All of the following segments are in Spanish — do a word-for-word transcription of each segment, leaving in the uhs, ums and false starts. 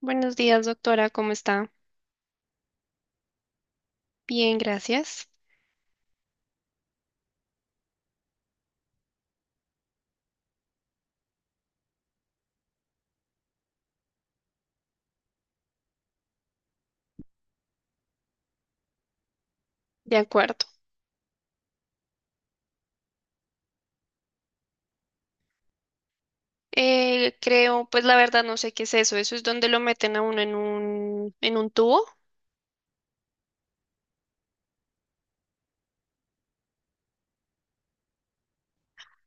Buenos días, doctora, ¿cómo está? Bien, gracias. De acuerdo. Eh, creo, pues la verdad no sé qué es eso. Eso es donde lo meten a uno en un, en un tubo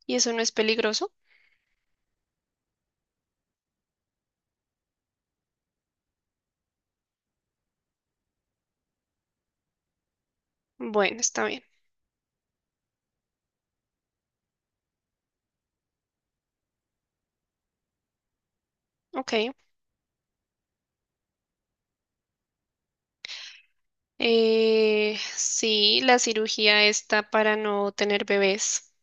y eso no es peligroso. Bueno, está bien. Ok. Eh, sí, la cirugía está para no tener bebés.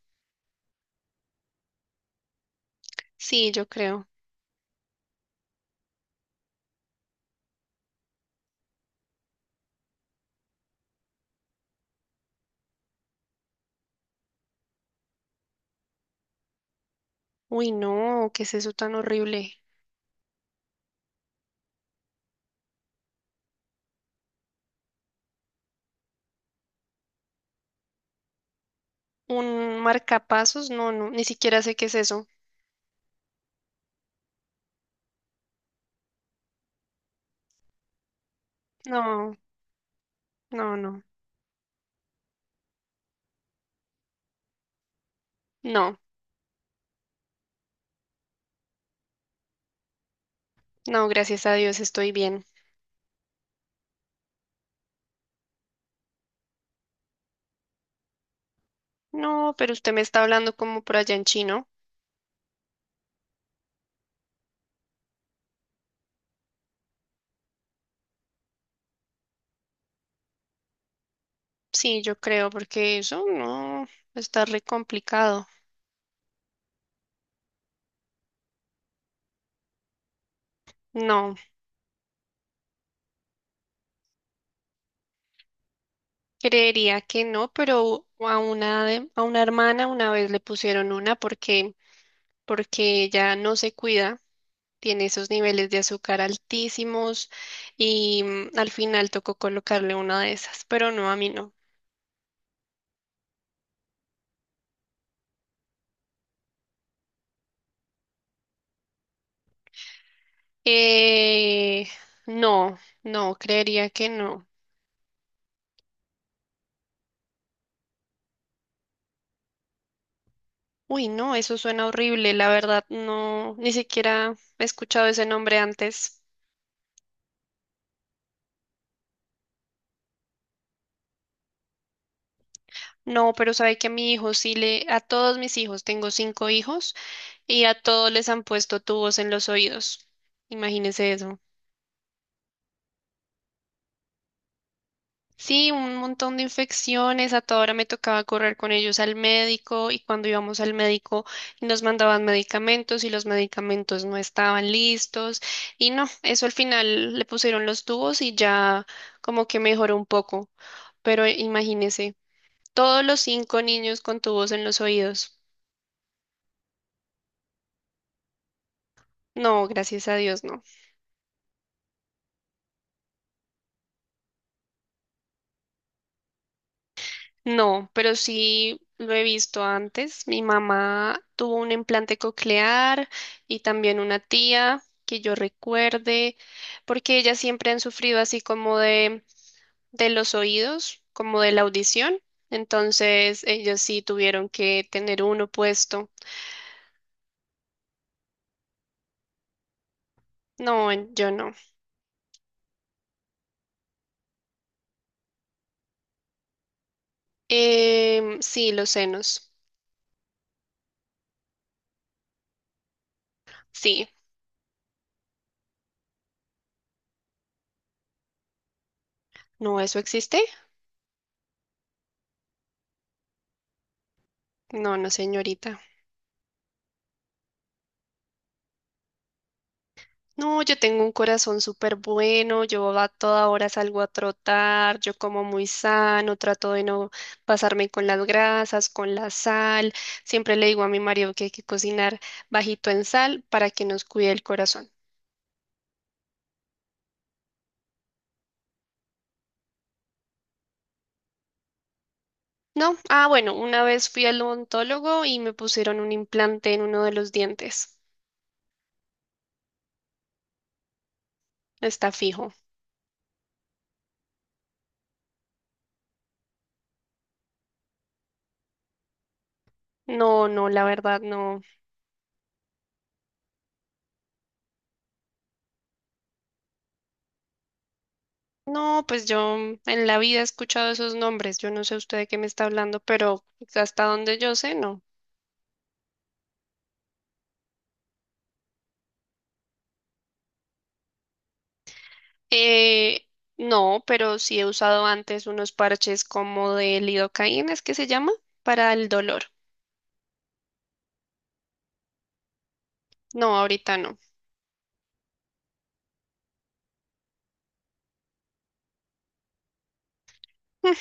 Sí, yo creo. Uy, no, ¿qué es eso tan horrible? ¿Un marcapasos? No, no, ni siquiera sé qué es eso. No, no, no. No, no, gracias a Dios estoy bien. No, pero usted me está hablando como por allá en chino. Sí, yo creo, porque eso no está re complicado. No, creería que no, pero a una de- a una hermana una vez le pusieron una porque porque ella no se cuida, tiene esos niveles de azúcar altísimos y mm, al final tocó colocarle una de esas, pero no, a mí no. Eh, no, no, creería que no. Uy, no, eso suena horrible, la verdad, no, ni siquiera he escuchado ese nombre antes. No, pero sabe que a mi hijo sí le, a todos mis hijos, tengo cinco hijos, y a todos les han puesto tubos en los oídos. Imagínese eso. Sí, un montón de infecciones. A toda hora me tocaba correr con ellos al médico y cuando íbamos al médico nos mandaban medicamentos y los medicamentos no estaban listos. Y no, eso al final le pusieron los tubos y ya como que mejoró un poco. Pero imagínese, todos los cinco niños con tubos en los oídos. No, gracias a Dios, no. No, pero sí lo he visto antes. Mi mamá tuvo un implante coclear y también una tía que yo recuerde, porque ellas siempre han sufrido así como de, de los oídos, como de la audición. Entonces, ellos sí tuvieron que tener uno puesto. No, en- yo no. Em, sí, los senos. Sí. No, ¿eso existe? No, no, señorita. No, yo tengo un corazón súper bueno, yo a toda hora salgo a trotar, yo como muy sano, trato de no pasarme con las grasas, con la sal. Siempre le digo a mi marido que hay que cocinar bajito en sal para que nos cuide el corazón. No, ah, bueno, una vez fui al odontólogo y me pusieron un implante en uno de los dientes. Está fijo. No, no, la verdad no. No, pues yo en la vida he escuchado esos nombres. Yo no sé usted de qué me está hablando, pero hasta donde yo sé, no. Eh, no, pero sí he usado antes unos parches como de lidocaína, ¿es que se llama? Para el dolor. No, ahorita no. Mm,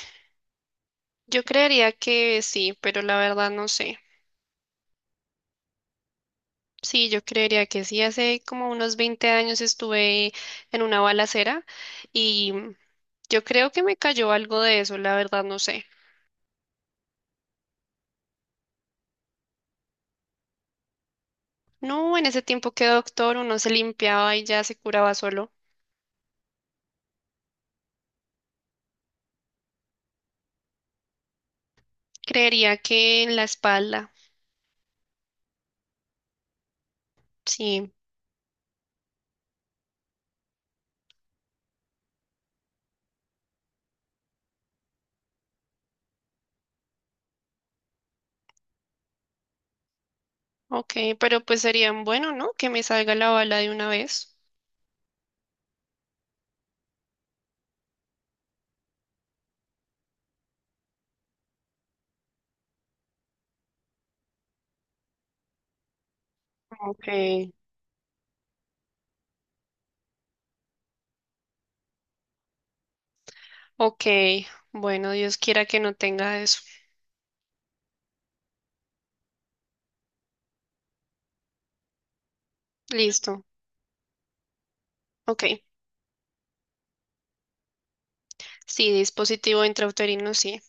yo creería que sí, pero la verdad no sé. Sí, yo creería que sí. Hace como unos veinte años estuve en una balacera y yo creo que me cayó algo de eso, la verdad no sé. No, en ese tiempo que doctor uno se limpiaba y ya se curaba solo. Creería que en la espalda, sí. Ok, pero pues sería bueno, ¿no? Que me salga la bala de una vez. Ok, ok. Bueno, Dios quiera que no tenga eso. Listo. Ok. Sí, dispositivo intrauterino, sí.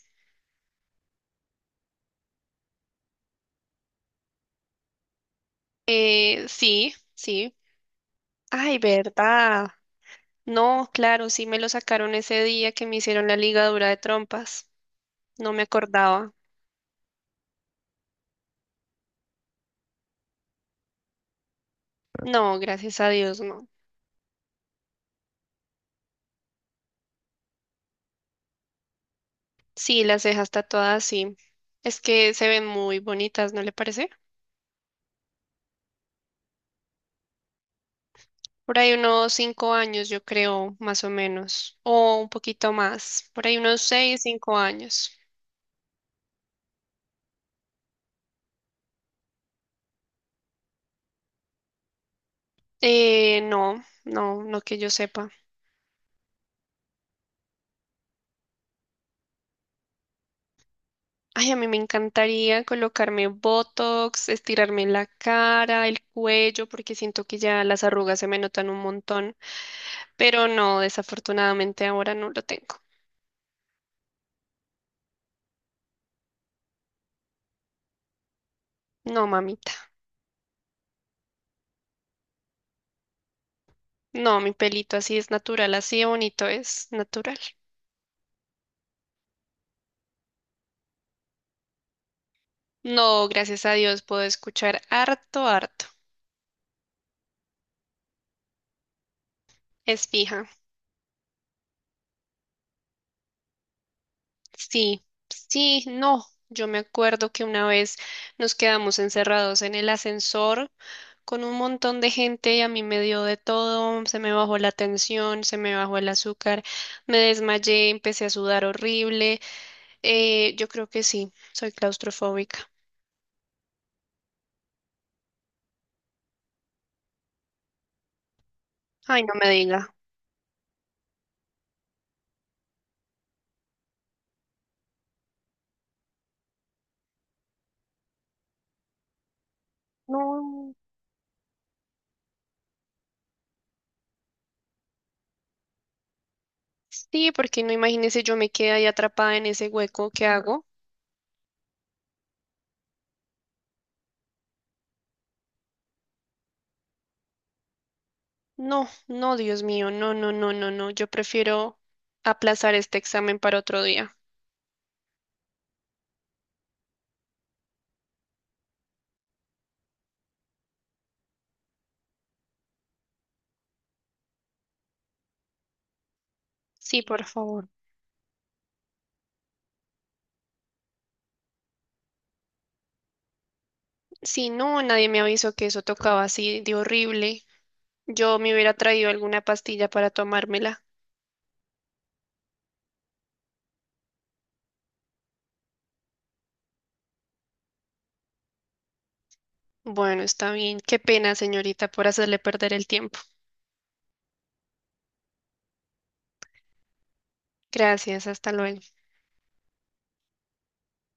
Eh, sí, sí. Ay, verdad. No, claro, sí me lo sacaron ese día que me hicieron la ligadura de trompas. No me acordaba. No, gracias a Dios, no. Sí, las cejas tatuadas, sí. Es que se ven muy bonitas, ¿no le parece? Por ahí unos cinco años, yo creo, más o menos, o un poquito más, por ahí unos seis, cinco años. Eh, no, no, no que yo sepa. Ay, a mí me encantaría colocarme Botox, estirarme la cara, el cuello, porque siento que ya las arrugas se me notan un montón, pero no, desafortunadamente ahora no lo tengo. No, mamita, no, mi pelito así es natural, así de bonito es natural. No, gracias a Dios puedo escuchar harto, harto. Es fija. Sí, sí, no. Yo me acuerdo que una vez nos quedamos encerrados en el ascensor con un montón de gente y a mí me dio de todo, se me bajó la tensión, se me bajó el azúcar, me desmayé, empecé a sudar horrible. Eh, yo creo que sí, soy claustrofóbica. Ay, no me diga. No, sí, porque no imagínese yo me quedé ahí atrapada en ese hueco, ¿qué hago? No, no, Dios mío, no, no, no, no, no. Yo prefiero aplazar este examen para otro día. Sí, por favor. Si no, nadie me avisó que eso tocaba así de horrible. Yo me hubiera traído alguna pastilla para tomármela. Bueno, está bien. Qué pena, señorita, por hacerle perder el tiempo. Gracias, hasta luego.